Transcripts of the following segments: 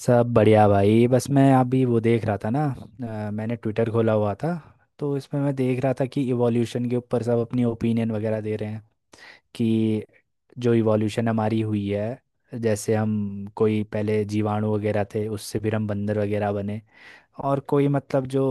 सब बढ़िया भाई। बस मैं अभी वो देख रहा था ना मैंने ट्विटर खोला हुआ था। तो इसमें मैं देख रहा था कि इवोल्यूशन के ऊपर सब अपनी ओपिनियन वगैरह दे रहे हैं कि जो इवोल्यूशन हमारी हुई है, जैसे हम कोई पहले जीवाणु वगैरह थे उससे फिर हम बंदर वगैरह बने। और कोई मतलब जो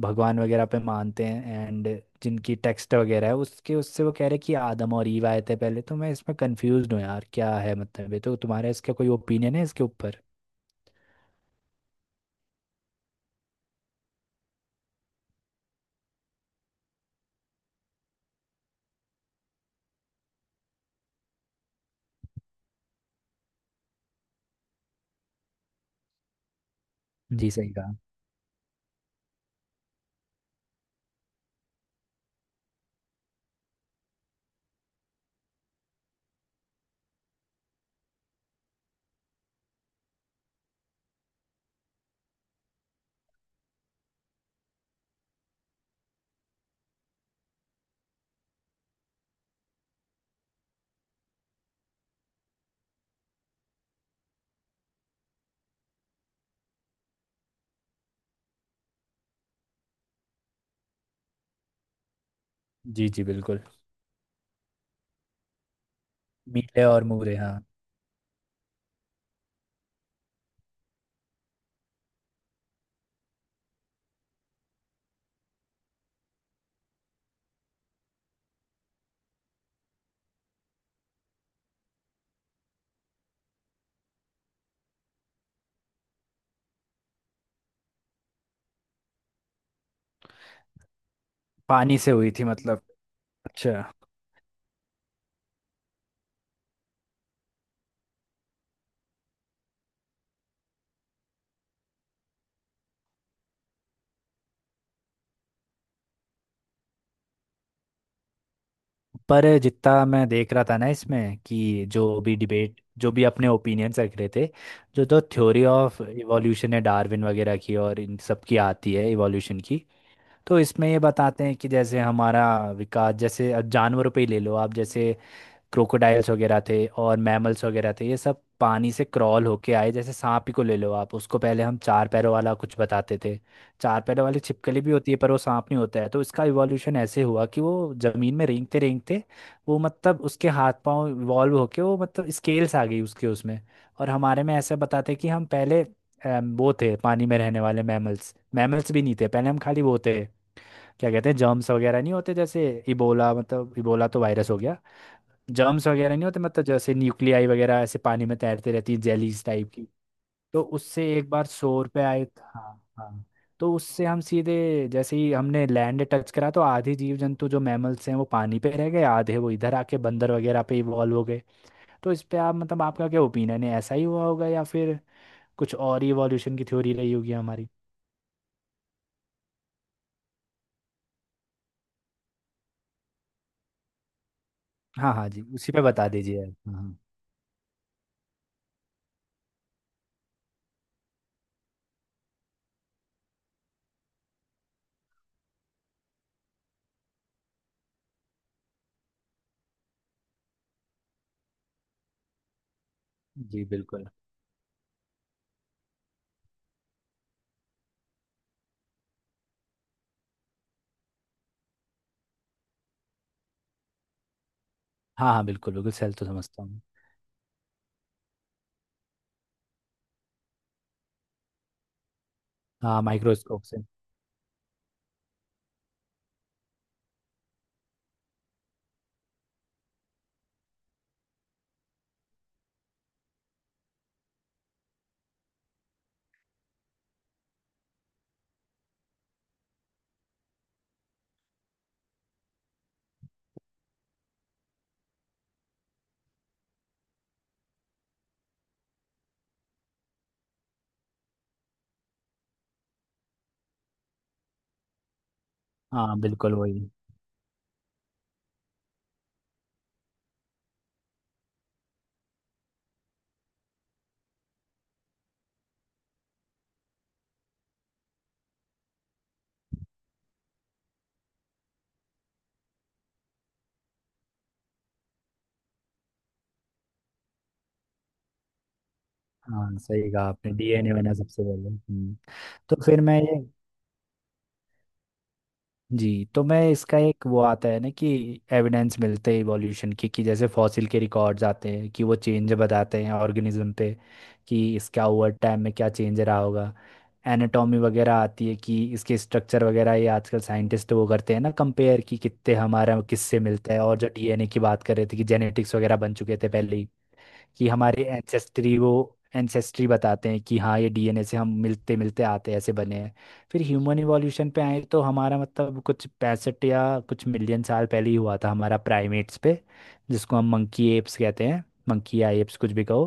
भगवान वगैरह पे मानते हैं, एंड जिनकी टेक्स्ट वगैरह है, उसके उससे वो कह रहे हैं कि आदम और ईव आए थे पहले। तो मैं इसमें कंफ्यूज हूँ यार, क्या है मतलब? ये तो तुम्हारा, इसका कोई ओपिनियन है इसके ऊपर? जी सही। जी जी बिल्कुल। मीले और मूरे, हाँ। पानी से हुई थी मतलब? अच्छा। पर जितना मैं देख रहा था ना इसमें कि जो भी डिबेट, जो भी अपने ओपिनियंस रख रहे थे, जो तो थ्योरी ऑफ इवोल्यूशन है डार्विन वगैरह की, और इन सब की आती है इवोल्यूशन की। तो इसमें ये बताते हैं कि जैसे हमारा विकास, जैसे अब जानवरों पे ही ले लो आप, जैसे क्रोकोडाइल्स वगैरह थे और मैमल्स वगैरह थे, ये सब पानी से क्रॉल होके आए। जैसे सांप ही को ले लो आप, उसको पहले हम चार पैरों वाला कुछ बताते थे। चार पैरों वाली छिपकली भी होती है, पर वो सांप नहीं होता है। तो इसका इवोल्यूशन ऐसे हुआ कि वो जमीन में रेंगते रेंगते, वो मतलब उसके हाथ पांव इवॉल्व होके, वो मतलब स्केल्स आ गई उसके उसमें। और हमारे में ऐसे बताते कि हम पहले वो थे पानी में रहने वाले मैमल्स। मैमल्स भी नहीं थे पहले, हम खाली वो थे, क्या कहते हैं, जर्म्स वगैरह नहीं होते जैसे, इबोला। मतलब इबोला तो वायरस हो गया। जर्म्स वगैरह नहीं होते, मतलब जैसे न्यूक्लियाई वगैरह ऐसे पानी में तैरते रहती है, जेलीज टाइप की। तो उससे एक बार शोर पे आए। हाँ हाँ। तो उससे हम सीधे, जैसे ही हमने लैंड टच करा तो आधे जीव जंतु जो मैमल्स हैं वो पानी पे रह गए, आधे वो इधर आके बंदर वगैरह पे इवॉल्व हो गए। तो इस पे आप मतलब आपका क्या ओपिनियन है, ऐसा ही हुआ होगा या फिर कुछ और इवोल्यूशन की थ्योरी रही होगी हमारी? हाँ हाँ जी, उसी पे बता दीजिए आप। हाँ हाँ, जी बिल्कुल। हाँ हाँ बिल्कुल बिल्कुल, सेल तो समझता हूँ। हाँ, माइक्रोस्कोप से। हाँ बिल्कुल वही। हाँ सही कहा आपने, डीएनए बना सबसे पहले। हम्म। तो फिर मैं ये, जी तो मैं इसका एक वो आता है ना, कि एविडेंस मिलते हैं इवोल्यूशन की, कि जैसे फॉसिल के रिकॉर्ड्स आते हैं कि वो चेंज बताते हैं ऑर्गेनिज्म पे, कि इसका ओवर टाइम में क्या चेंज रहा होगा। एनाटॉमी वगैरह आती है कि इसके स्ट्रक्चर वगैरह, ये आजकल साइंटिस्ट वो करते हैं ना कंपेयर, कि कितने हमारा किससे मिलता है। और जो डीएनए की बात कर रहे थे कि जेनेटिक्स वगैरह बन चुके थे पहले ही, कि हमारे एंसेस्ट्री वो एंसेस्ट्री बताते हैं कि हाँ, ये डीएनए से हम मिलते मिलते आते ऐसे बने हैं। फिर ह्यूमन इवोल्यूशन पे आए तो हमारा मतलब कुछ 65 या कुछ मिलियन साल पहले ही हुआ था, हमारा प्राइमेट्स पे, जिसको हम मंकी एप्स कहते हैं, मंकी या एप्स कुछ भी कहो।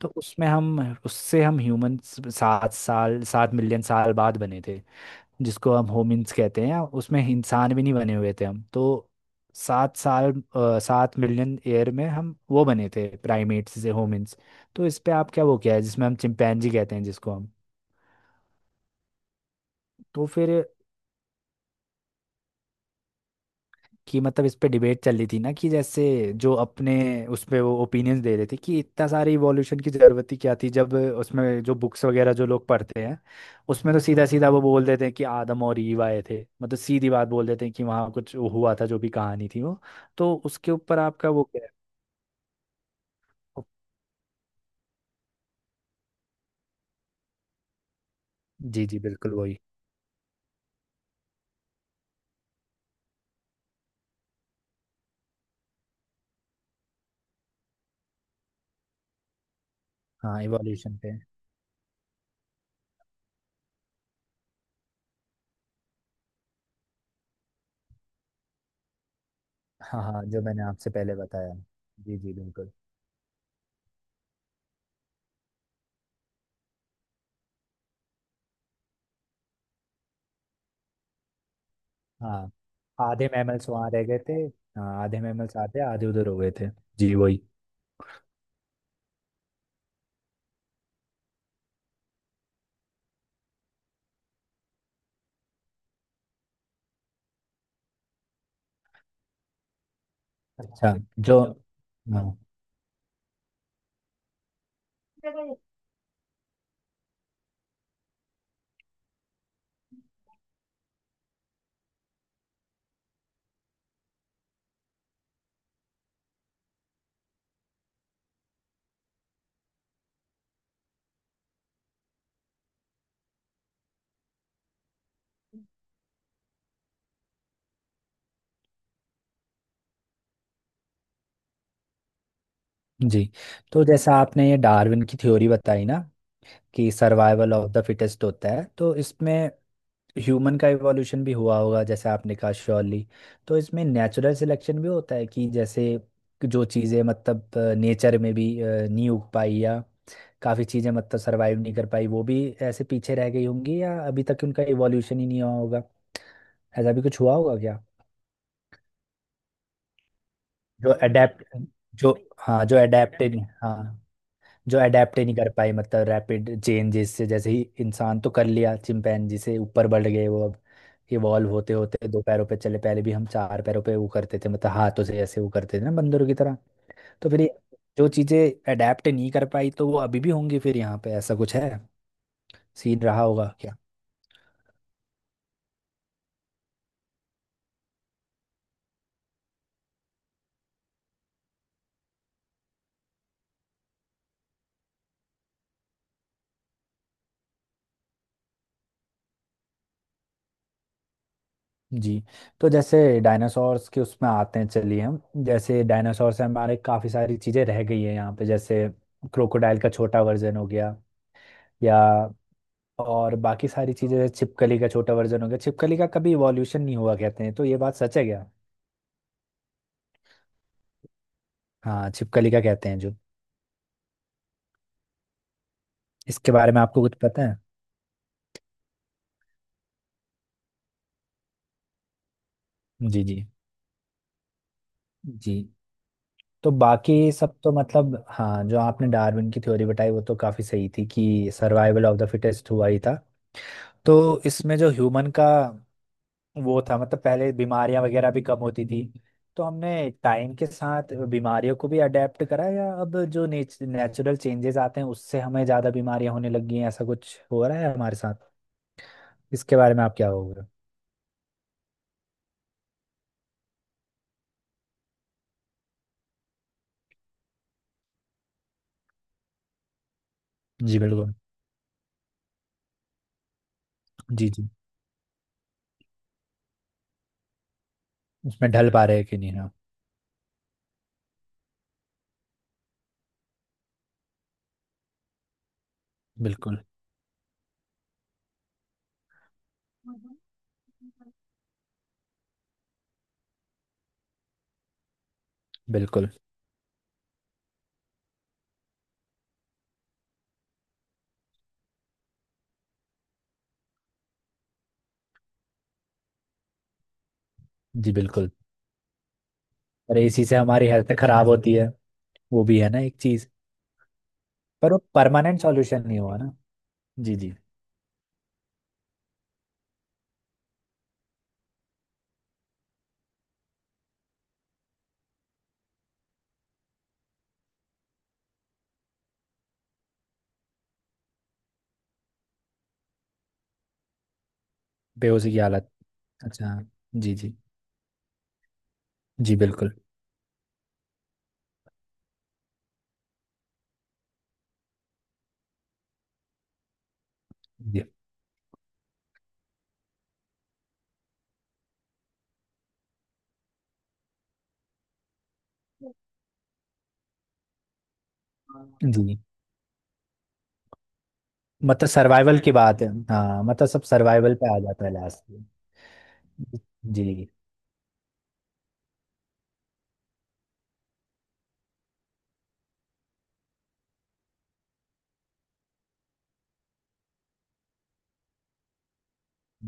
तो उसमें हम, उससे हम ह्यूमन 7 मिलियन साल बाद बने थे, जिसको हम होमिन्स कहते हैं। उसमें इंसान भी नहीं बने हुए थे हम तो। 7 मिलियन ईयर में हम वो बने थे, प्राइमेट्स से होमिन्स। तो इस पे आप क्या, वो क्या है जिसमें हम चिंपैंजी कहते हैं, जिसको हम, तो फिर कि मतलब इस पे डिबेट चल रही थी ना कि जैसे जो अपने उस पे वो ओपिनियंस दे रहे थे कि इतना सारे इवोल्यूशन की ज़रूरत ही क्या थी, जब उसमें जो बुक्स वगैरह जो लोग पढ़ते हैं, उसमें तो सीधा सीधा वो बोल देते हैं कि आदम और ईव आए थे, मतलब सीधी बात बोल देते हैं कि वहाँ कुछ हुआ था, जो भी कहानी थी वो। तो उसके ऊपर आपका वो क्या है? जी जी बिल्कुल वही। हाँ, इवोल्यूशन पे। हाँ हाँ, जो मैंने आपसे पहले बताया। जी जी बिल्कुल। हाँ आधे मैमल्स वहाँ रह गए थे। हाँ आधे मैमल्स आते आधे उधर हो गए थे। जी वही। अच्छा। जो, हाँ। जी तो जैसा आपने ये डार्विन की थ्योरी बताई ना, कि सर्वाइवल ऑफ द फिटेस्ट होता है, तो इसमें ह्यूमन का इवोल्यूशन भी हुआ होगा जैसे आपने कहा, श्योरली। तो इसमें नेचुरल सिलेक्शन भी होता है, कि जैसे जो चीज़ें मतलब नेचर में भी नहीं उग पाई, या काफ़ी चीज़ें मतलब सर्वाइव नहीं कर पाई, वो भी ऐसे पीछे रह गई होंगी या अभी तक उनका इवोल्यूशन ही नहीं हुआ होगा, ऐसा भी कुछ हुआ होगा क्या? जो अडेप्ट, जो, हाँ जो अडेप्टेड, हाँ जो अडेप्ट ही नहीं कर पाए, मतलब रैपिड चेंजेस से। जैसे ही इंसान तो कर लिया, चिंपैंजी से ऊपर बढ़ गए वो, अब इवॉल्व होते होते दो पैरों पे चले। पहले भी हम चार पैरों पे वो करते थे, मतलब हाथों से ऐसे वो करते थे ना बंदरों की तरह। तो फिर ये जो चीज़ें अडेप्ट नहीं कर पाई, तो वो अभी भी होंगी फिर यहाँ पे, ऐसा कुछ है, सीन रहा होगा क्या? जी। तो जैसे डायनासोर्स के उसमें आते हैं, चलिए हम जैसे डायनासोर से हमारे काफ़ी सारी चीज़ें रह गई है यहाँ पे, जैसे क्रोकोडाइल का छोटा वर्जन हो गया, या और बाकी सारी चीजें, जैसे छिपकली का छोटा वर्जन हो गया। छिपकली का कभी इवोल्यूशन नहीं हुआ कहते हैं, तो ये बात सच है क्या? हाँ छिपकली का कहते हैं जो, इसके बारे में आपको कुछ पता है? जी जी। जी तो बाकी सब तो मतलब हाँ, जो आपने डार्विन की थ्योरी बताई वो तो काफी सही थी, कि सर्वाइवल ऑफ द फिटेस्ट हुआ ही था। तो इसमें जो ह्यूमन का वो था, मतलब पहले बीमारियां वगैरह भी कम होती थी, तो हमने टाइम के साथ बीमारियों को भी अडेप्ट करा, या अब जो नेचुरल चेंजेस आते हैं उससे हमें ज्यादा बीमारियां होने लगी हैं, ऐसा कुछ हो रहा है हमारे साथ? इसके बारे में आप क्या हो रहे हो? जी बिल्कुल। जी जी। उसमें ढल पा रहे हैं कि नहीं, हाँ। बिल्कुल बिल्कुल। जी बिल्कुल। और इसी से हमारी हेल्थ खराब होती है, वो भी है ना एक चीज। पर वो परमानेंट सॉल्यूशन नहीं हुआ ना? जी जी। बेहोशी की हालत। अच्छा। जी जी। जी बिल्कुल। जी जी। मतलब सर्वाइवल की बात है, हाँ, मतलब सब सर्वाइवल पे आ जाता है लास्ट में। जी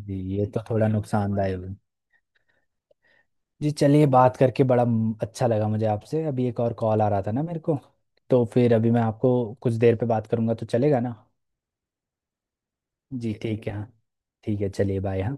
जी, ये तो थोड़ा नुकसानदायक है। जी चलिए, बात करके बड़ा अच्छा लगा मुझे आपसे। अभी एक और कॉल आ रहा था ना मेरे को, तो फिर अभी मैं आपको कुछ देर पे बात करूंगा, तो चलेगा ना? जी ठीक है हाँ। ठीक है चलिए, बाय। हाँ।